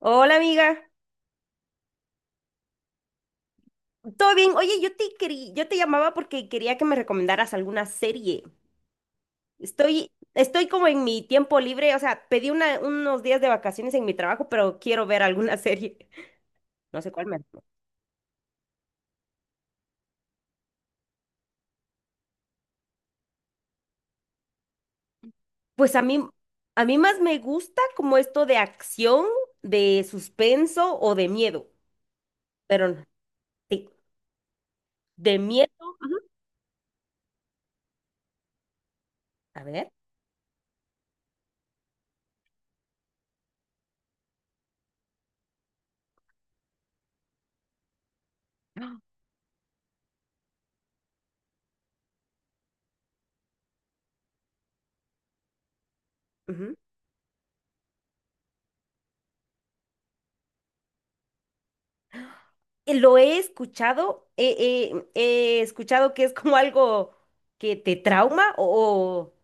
Hola amiga, ¿todo bien? Oye, yo te llamaba porque quería que me recomendaras alguna serie. Estoy como en mi tiempo libre, o sea, pedí unos días de vacaciones en mi trabajo, pero quiero ver alguna serie. No sé cuál me. Pues a mí más me gusta como esto de acción, de suspenso o de miedo. Pero sí, de miedo. Ujú. A ver. Lo he escuchado que es como algo que te trauma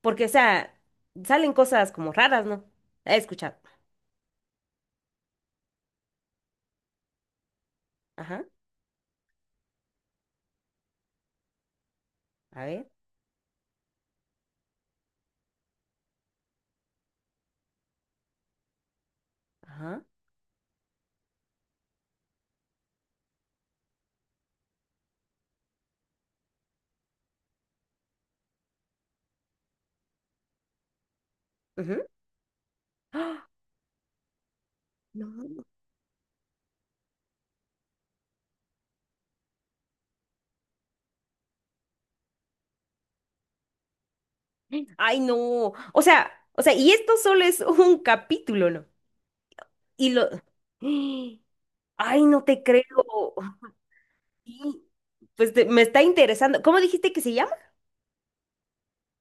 porque, o sea, salen cosas como raras, ¿no? He escuchado. Ajá, a ver, ajá, ujú. ¡Ah! No. Ay, no. O sea, y esto solo es un capítulo, ¿no? Y lo... Ay, no te creo. Sí, me está interesando. ¿Cómo dijiste que se llama?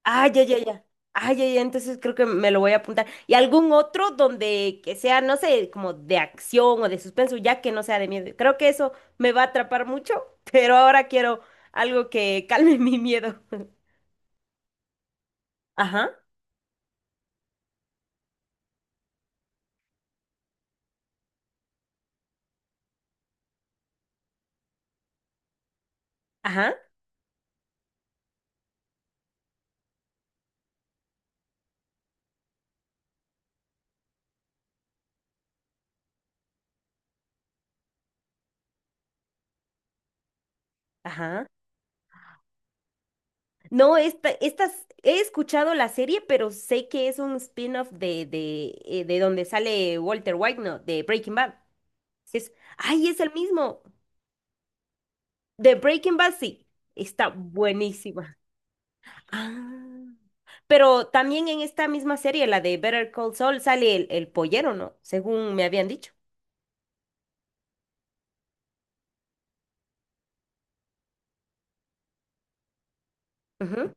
Ah, ya, ya, ya. Ah, ya, ya, entonces creo que me lo voy a apuntar. ¿Y algún otro donde que sea, no sé, como de acción o de suspenso, ya que no sea de miedo? Creo que eso me va a atrapar mucho, pero ahora quiero algo que calme mi miedo. Ajá, ajá, ajá. No, estas, he escuchado la serie, pero sé que es un spin-off de donde sale Walter White, ¿no? De Breaking Bad. Sí, Es, ay, es el mismo. De Breaking Bad, sí. Está buenísima. Ah. Pero también en esta misma serie, la de Better Call Saul, sale el pollero, ¿no? Según me habían dicho. Ujú.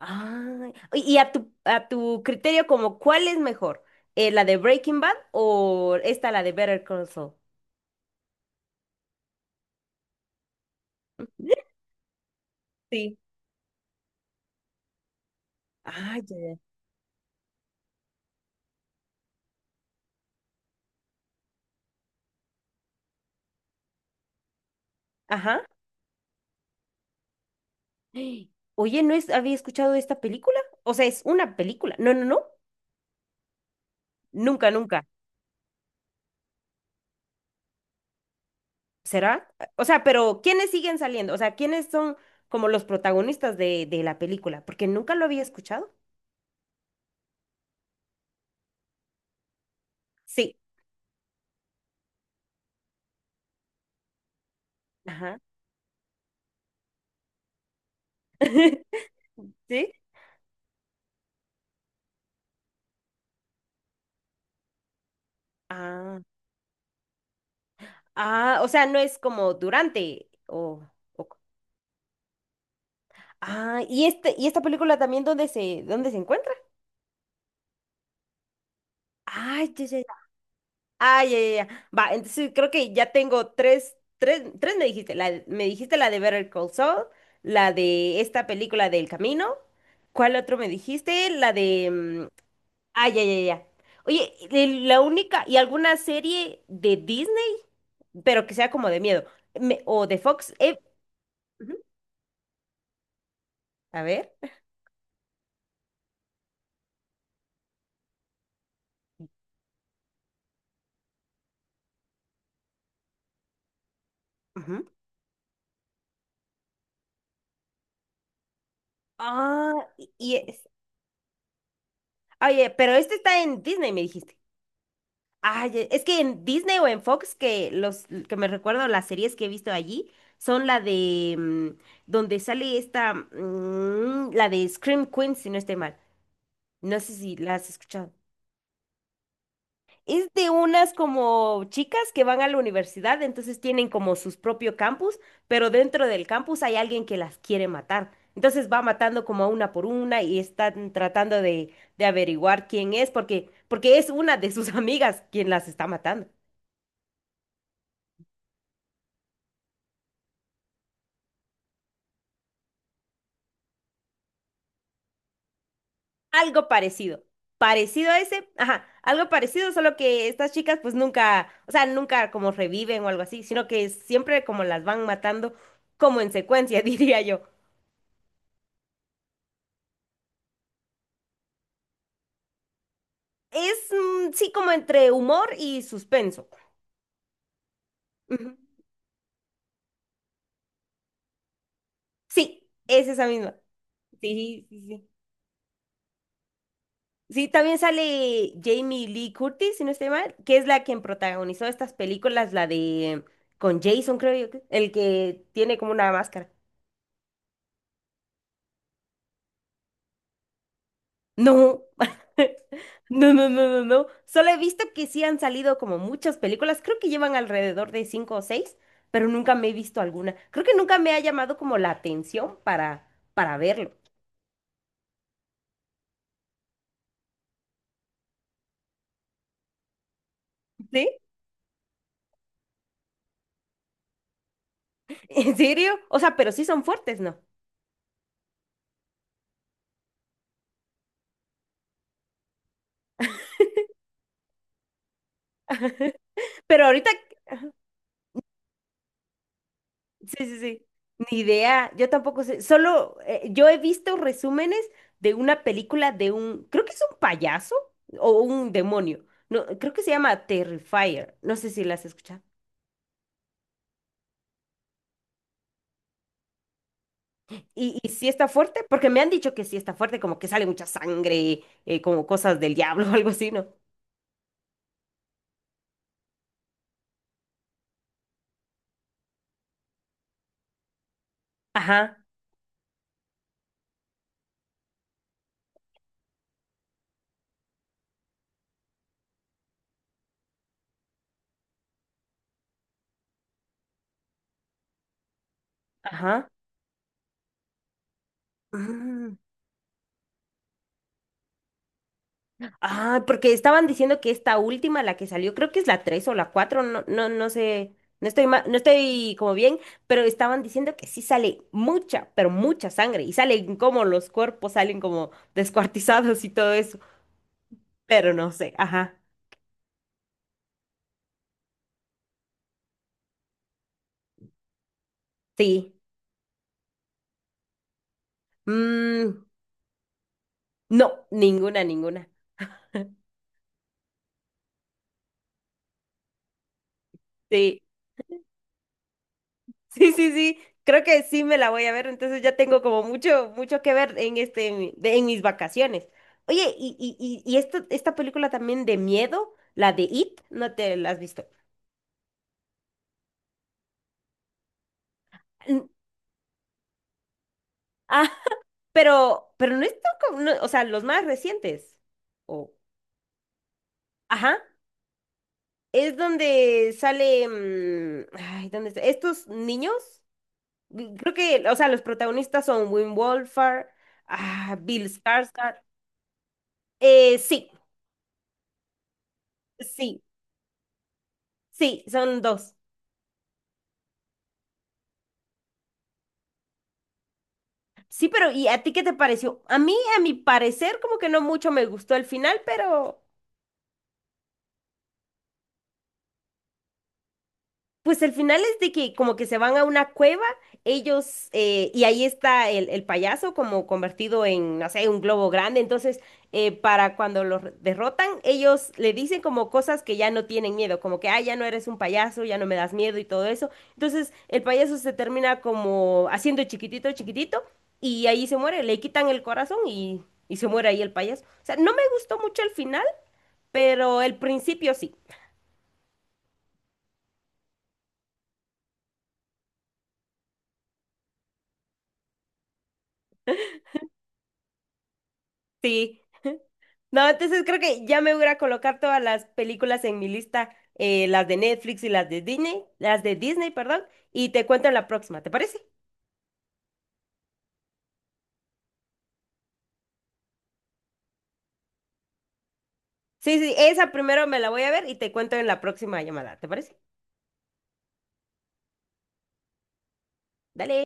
Ah, y a tu criterio, como, ¿cuál es mejor? ¿La de Breaking Bad o esta, la de Better Call Saul? Sí. Ah, ya. Ya. Ajá. Oye, ¿no es, había escuchado de esta película? O sea, es una película. No, no, no. Nunca, nunca. ¿Será? O sea, pero ¿quiénes siguen saliendo? O sea, ¿quiénes son como los protagonistas de la película? Porque nunca lo había escuchado. Sí. Ajá. ¿Sí? Ah, ah, o sea, no es como durante o- Ah, y esta película también ¿dónde se encuentra? Ay, ya, ya, ya. Ah, ya, ya, ya. Va, entonces creo que ya tengo tres, tres, tres me dijiste, me dijiste la de Better Call Saul, la de esta película del camino. ¿Cuál otro me dijiste? La de mm, Ah, ya, ya, ya. Oye, y la única y alguna serie de Disney, pero que sea como de miedo, o de Fox, ujú, a ver. Ajá. Ah, y es. Oye, pero este está en Disney, me dijiste. Ay, e, es que en Disney o en Fox, que los que me recuerdo las series que he visto allí son la de mm, donde sale esta, mm, la de Scream Queen, si no estoy mal. No sé si la has escuchado. Es de unas como chicas que van a la universidad, entonces tienen como sus propio campus, pero dentro del campus hay alguien que las quiere matar. Entonces va matando como a una por una y están tratando de averiguar quién es, porque es una de sus amigas quien las está matando. Algo parecido. Parecido a ese, ajá, algo parecido, solo que estas chicas pues nunca, o sea, nunca como reviven o algo así, sino que siempre como las van matando como en secuencia, diría yo. Es, mm, sí, como entre humor y suspenso. Ujú. Sí, es esa misma. Sí, sí, sí. Sí, también sale Jamie Lee Curtis, si no estoy mal, que es la quien protagonizó estas películas, la de con Jason, creo yo, el que tiene como una máscara. No, no, no, no, no, no. Solo he visto que sí han salido como muchas películas, creo que llevan alrededor de cinco o seis, pero nunca me he visto alguna. Creo que nunca me ha llamado como la atención para verlo. ¿Sí? ¿En serio? O sea, pero sí son fuertes, ¿no? Pero ahorita, sí, sí, sí, ni idea, yo tampoco sé, solo yo he visto resúmenes de una película de un, creo que es un payaso o un demonio, no, creo que se llama Terrifier, no sé si la has escuchado. Y sí está fuerte, porque me han dicho que sí está fuerte, como que sale mucha sangre, como cosas del diablo o algo así, ¿no? Ajá, ajá. Mm. Ah, porque estaban diciendo que esta última, la que salió, creo que es la 3 o la 4, no, no, no sé, no estoy como bien, pero estaban diciendo que sí sale mucha, pero mucha sangre, y salen como los cuerpos salen como descuartizados y todo eso, pero no sé, ajá, sí. Mm, no, ninguna, ninguna. Sí. Sí, sí, sí, creo que sí me la voy a ver, entonces ya tengo como mucho, mucho que ver en este, en, en mis vacaciones. Oye, y esta película también de miedo, la de It, ¿no te la has visto? N- Ah, pero no es tan como- no, o sea, los más recientes. O, ajá, es donde sale, mm, ay, ¿dónde está? Estos niños, mm, creo que, o sea, los protagonistas son Wim Wolfhard, ah, Bill Skarsgård, sí. Sí, Sí, son dos. Sí, pero ¿y a ti qué te pareció? A mí, a mi parecer, como que no mucho me gustó el final, pero pues el final es de que como que se van a una cueva, ellos, y ahí está el payaso como convertido en, no sé, un globo grande. Entonces, para cuando los derrotan, ellos le dicen como cosas que ya no tienen miedo, como que, ah, ya no eres un payaso, ya no me das miedo y todo eso. Entonces, el payaso se termina como haciendo chiquitito, chiquitito, y ahí se muere, le quitan el corazón y se muere ahí el payaso. O sea, no me gustó mucho el final, pero el principio sí. Sí, no, entonces creo que ya me voy a ir a colocar todas las películas en mi lista, las de Netflix y las de Disney, perdón, y te cuento en la próxima, ¿te parece? Sí, sí, esa primero me la voy a ver y te cuento en la próxima llamada, ¿te parece? Dale.